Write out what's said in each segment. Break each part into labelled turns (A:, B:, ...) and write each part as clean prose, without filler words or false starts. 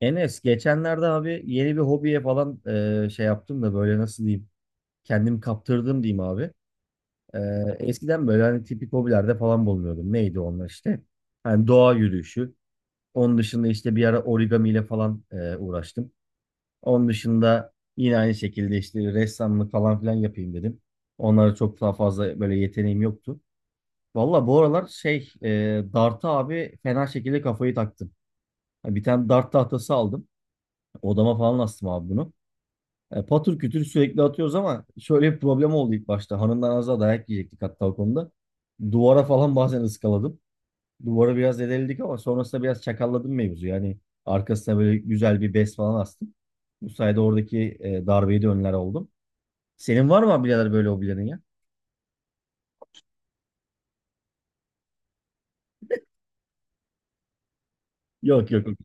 A: Enes geçenlerde abi yeni bir hobiye falan şey yaptım da böyle nasıl diyeyim kendimi kaptırdım diyeyim abi. E, eskiden böyle hani tipik hobilerde falan bulunuyordum. Neydi onlar işte? Hani doğa yürüyüşü. Onun dışında işte bir ara origami ile falan uğraştım. Onun dışında yine aynı şekilde işte ressamlık falan filan yapayım dedim. Onlara çok daha fazla böyle yeteneğim yoktu. Valla bu aralar şey dart'a abi fena şekilde kafayı taktım. Bir tane dart tahtası aldım. Odama falan astım abi bunu. Patır kütür sürekli atıyoruz ama şöyle bir problem oldu ilk başta. Hanımdan az daha dayak yiyecektik hatta o konuda. Duvara falan bazen ıskaladım. Duvara biraz edildik ama sonrasında biraz çakalladım mevzu. Yani arkasına böyle güzel bir bez falan astım. Bu sayede oradaki darbeyi de önler oldum. Senin var mı birader böyle hobilerin ya? Yok , yok, yok.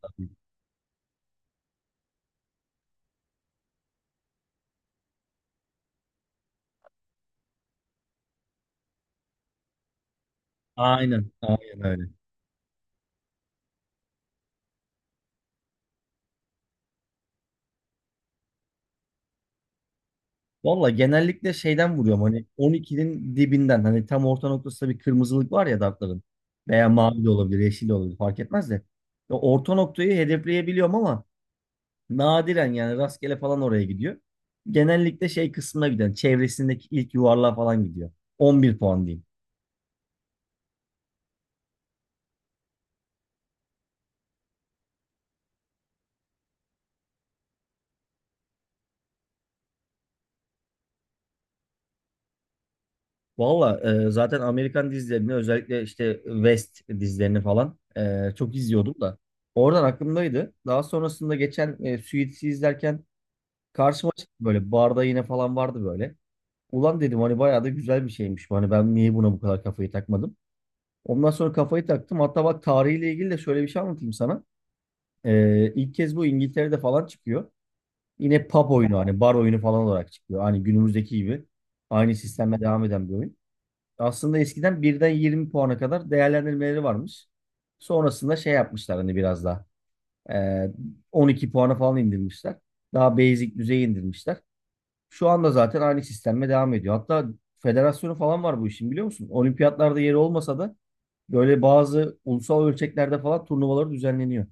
A: Aynen. Aynen öyle. Valla genellikle şeyden vuruyorum, hani 12'nin dibinden, hani tam orta noktasında bir kırmızılık var ya dartların, veya mavi de olabilir, yeşil de olabilir, fark etmez de ya orta noktayı hedefleyebiliyorum ama nadiren, yani rastgele falan oraya gidiyor. Genellikle şey kısmına giden, çevresindeki ilk yuvarlığa falan gidiyor. 11 puan diyeyim. Valla zaten Amerikan dizilerini, özellikle işte West dizilerini falan çok izliyordum da oradan aklımdaydı. Daha sonrasında geçen Suits'i izlerken karşıma çıktı, böyle barda yine falan vardı böyle. Ulan dedim, hani bayağı da güzel bir şeymiş bu. Hani ben niye buna bu kadar kafayı takmadım? Ondan sonra kafayı taktım. Hatta bak, tarihiyle ilgili de şöyle bir şey anlatayım sana. İlk kez bu İngiltere'de falan çıkıyor. Yine pub oyunu, hani bar oyunu falan olarak çıkıyor. Hani günümüzdeki gibi aynı sistemle devam eden bir oyun. Aslında eskiden 1'den 20 puana kadar değerlendirmeleri varmış. Sonrasında şey yapmışlar, hani biraz daha. Ee, 12 puana falan indirmişler. Daha basic düzeye indirmişler. Şu anda zaten aynı sistemle devam ediyor. Hatta federasyonu falan var bu işin, biliyor musun? Olimpiyatlarda yeri olmasa da böyle bazı ulusal ölçeklerde falan turnuvaları düzenleniyor.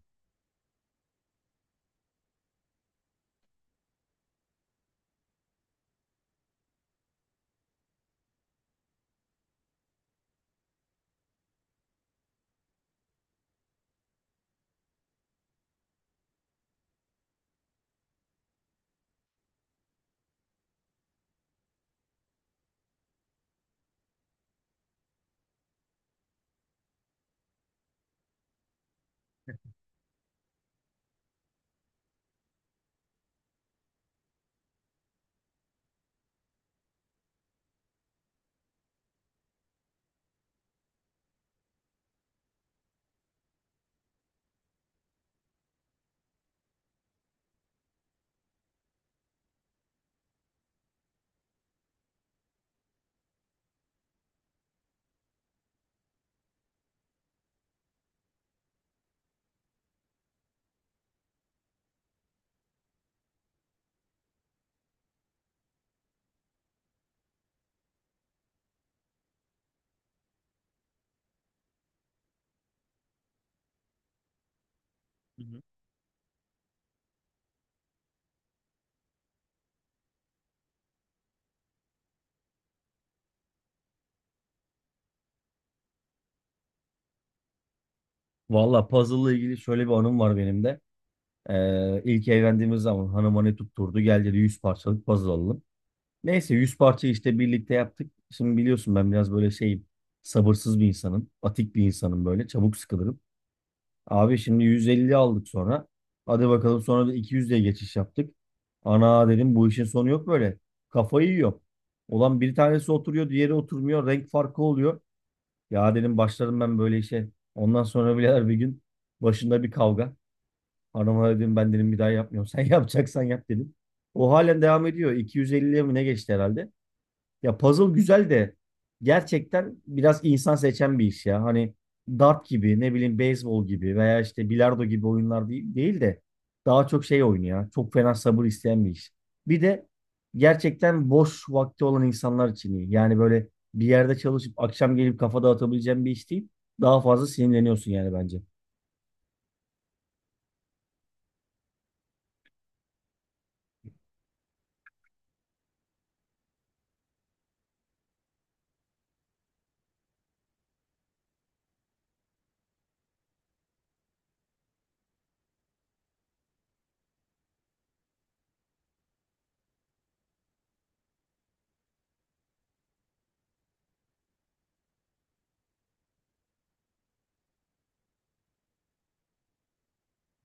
A: Hı hı. Valla puzzle'la ilgili şöyle bir anım var benim de. İlk evlendiğimiz zaman hanıma ne tutturdu? Gel dedi, 100 parçalık puzzle alalım. Neyse 100 parça işte birlikte yaptık. Şimdi biliyorsun, ben biraz böyle şeyim. Sabırsız bir insanım. Atik bir insanım böyle. Çabuk sıkılırım. Abi şimdi 150 aldık sonra. Hadi bakalım, sonra da 200'e geçiş yaptık. Ana dedim, bu işin sonu yok böyle. Kafayı yiyor. Ulan bir tanesi oturuyor, diğeri oturmuyor. Renk farkı oluyor. Ya dedim, başladım ben böyle işe. Ondan sonra birader bir gün başında bir kavga. Hanıma dedim, ben dedim bir daha yapmıyorum. Sen yapacaksan yap dedim. O halen devam ediyor. 250'ye mi ne geçti herhalde? Ya puzzle güzel de gerçekten biraz insan seçen bir iş ya. Hani dart gibi, ne bileyim beyzbol gibi veya işte bilardo gibi oyunlar değil de daha çok şey oynuyor. Çok fena sabır isteyen bir iş. Bir de gerçekten boş vakti olan insanlar için iyi. Yani böyle bir yerde çalışıp akşam gelip kafa dağıtabileceğin bir iş değil. Daha fazla sinirleniyorsun yani bence.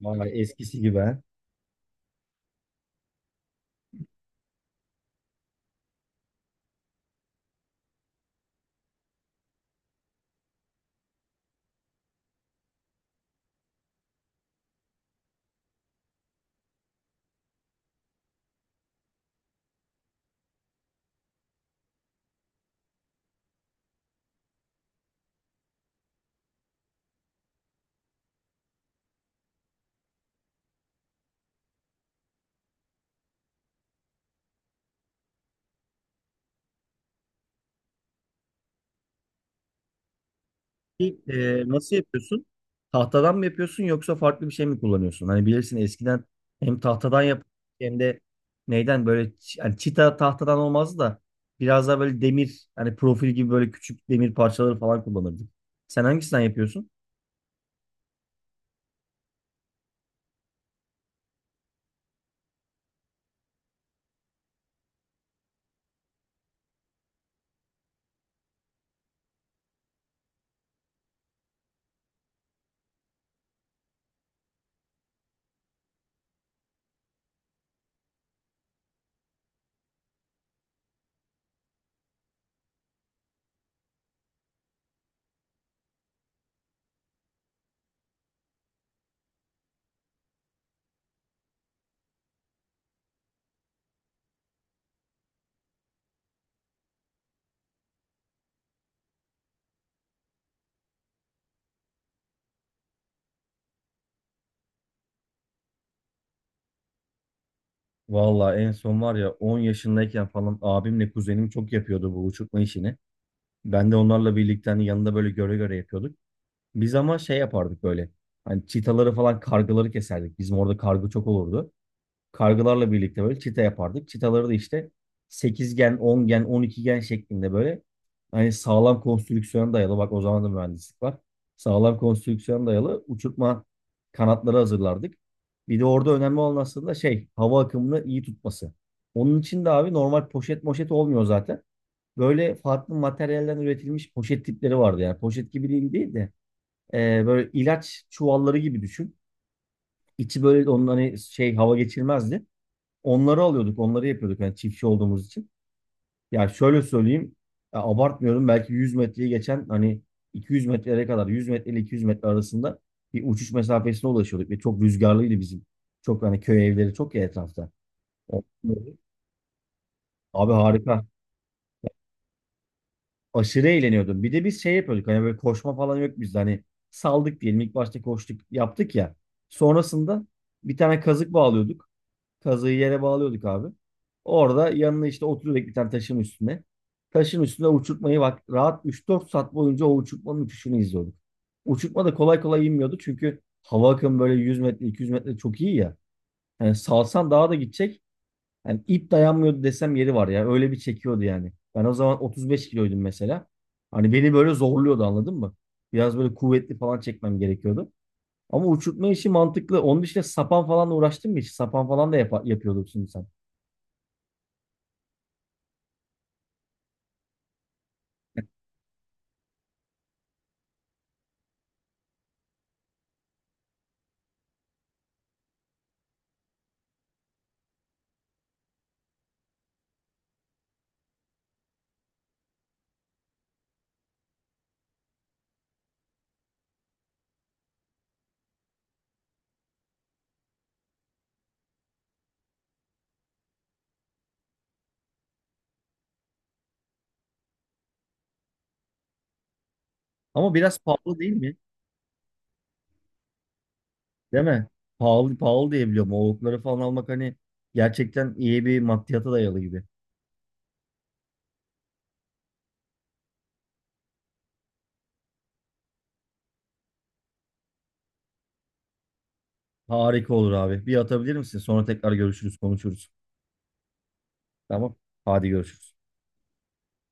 A: Vay, eskisi gibi ha. Peki, nasıl yapıyorsun? Tahtadan mı yapıyorsun yoksa farklı bir şey mi kullanıyorsun? Hani bilirsin eskiden hem tahtadan yap hem de neyden, böyle hani çita tahtadan olmazdı da biraz daha böyle demir, hani profil gibi böyle küçük demir parçaları falan kullanırdık. Sen hangisinden yapıyorsun? Valla en son var ya, 10 yaşındayken falan abimle kuzenim çok yapıyordu bu uçurtma işini. Ben de onlarla birlikte, hani yanında böyle göre göre yapıyorduk. Biz ama şey yapardık böyle. Hani çitaları falan kargaları keserdik. Bizim orada kargı çok olurdu. Kargılarla birlikte böyle çita yapardık. Çitaları da işte sekizgen, ongen, 10 gen, gen şeklinde böyle, hani sağlam konstrüksiyona dayalı, bak o zaman da mühendislik var. Sağlam konstrüksiyona dayalı uçurtma kanatları hazırlardık. Bir de orada önemli olan aslında şey, hava akımını iyi tutması. Onun için de abi, normal poşet moşet olmuyor zaten. Böyle farklı materyallerden üretilmiş poşet tipleri vardı yani. Poşet gibi değil de böyle ilaç çuvalları gibi düşün. İçi böyle onun hani şey, hava geçirmezdi. Onları alıyorduk, onları yapıyorduk yani, çiftçi olduğumuz için. Ya şöyle söyleyeyim, ya abartmıyorum, belki 100 metreyi geçen, hani 200 metrelere kadar, 100 metre ile 200 metre arasında bir uçuş mesafesine ulaşıyorduk ve çok rüzgarlıydı bizim. Çok hani köy evleri çok ya etrafta. O- Abi harika. Aşırı eğleniyordum. Bir de biz şey yapıyorduk, hani böyle koşma falan yok bizde, hani saldık diyelim ilk başta, koştuk yaptık ya. Sonrasında bir tane kazık bağlıyorduk. Kazığı yere bağlıyorduk abi. Orada yanına işte oturuyorduk bir tane taşın üstüne. Taşın üstüne, uçurtmayı bak, rahat üç dört saat boyunca o uçurtmanın uçuşunu izliyorduk. Uçurtma da kolay kolay inmiyordu çünkü hava akımı böyle 100 metre 200 metre, çok iyi ya. Yani salsan daha da gidecek. Yani ip dayanmıyordu desem yeri var ya. Öyle bir çekiyordu yani. Ben o zaman 35 kiloydum mesela. Hani beni böyle zorluyordu, anladın mı? Biraz böyle kuvvetli falan çekmem gerekiyordu. Ama uçurtma işi mantıklı. Onun dışında sapan falan uğraştın mı hiç? Sapan falan da yapıyorduk şimdi sen. Ama biraz pahalı değil mi? Değil mi? Pahalı pahalı diye biliyorum. Oğlukları falan almak, hani gerçekten iyi bir maddiyata dayalı gibi. Harika olur abi. Bir atabilir misin? Sonra tekrar görüşürüz, konuşuruz. Tamam. Hadi görüşürüz.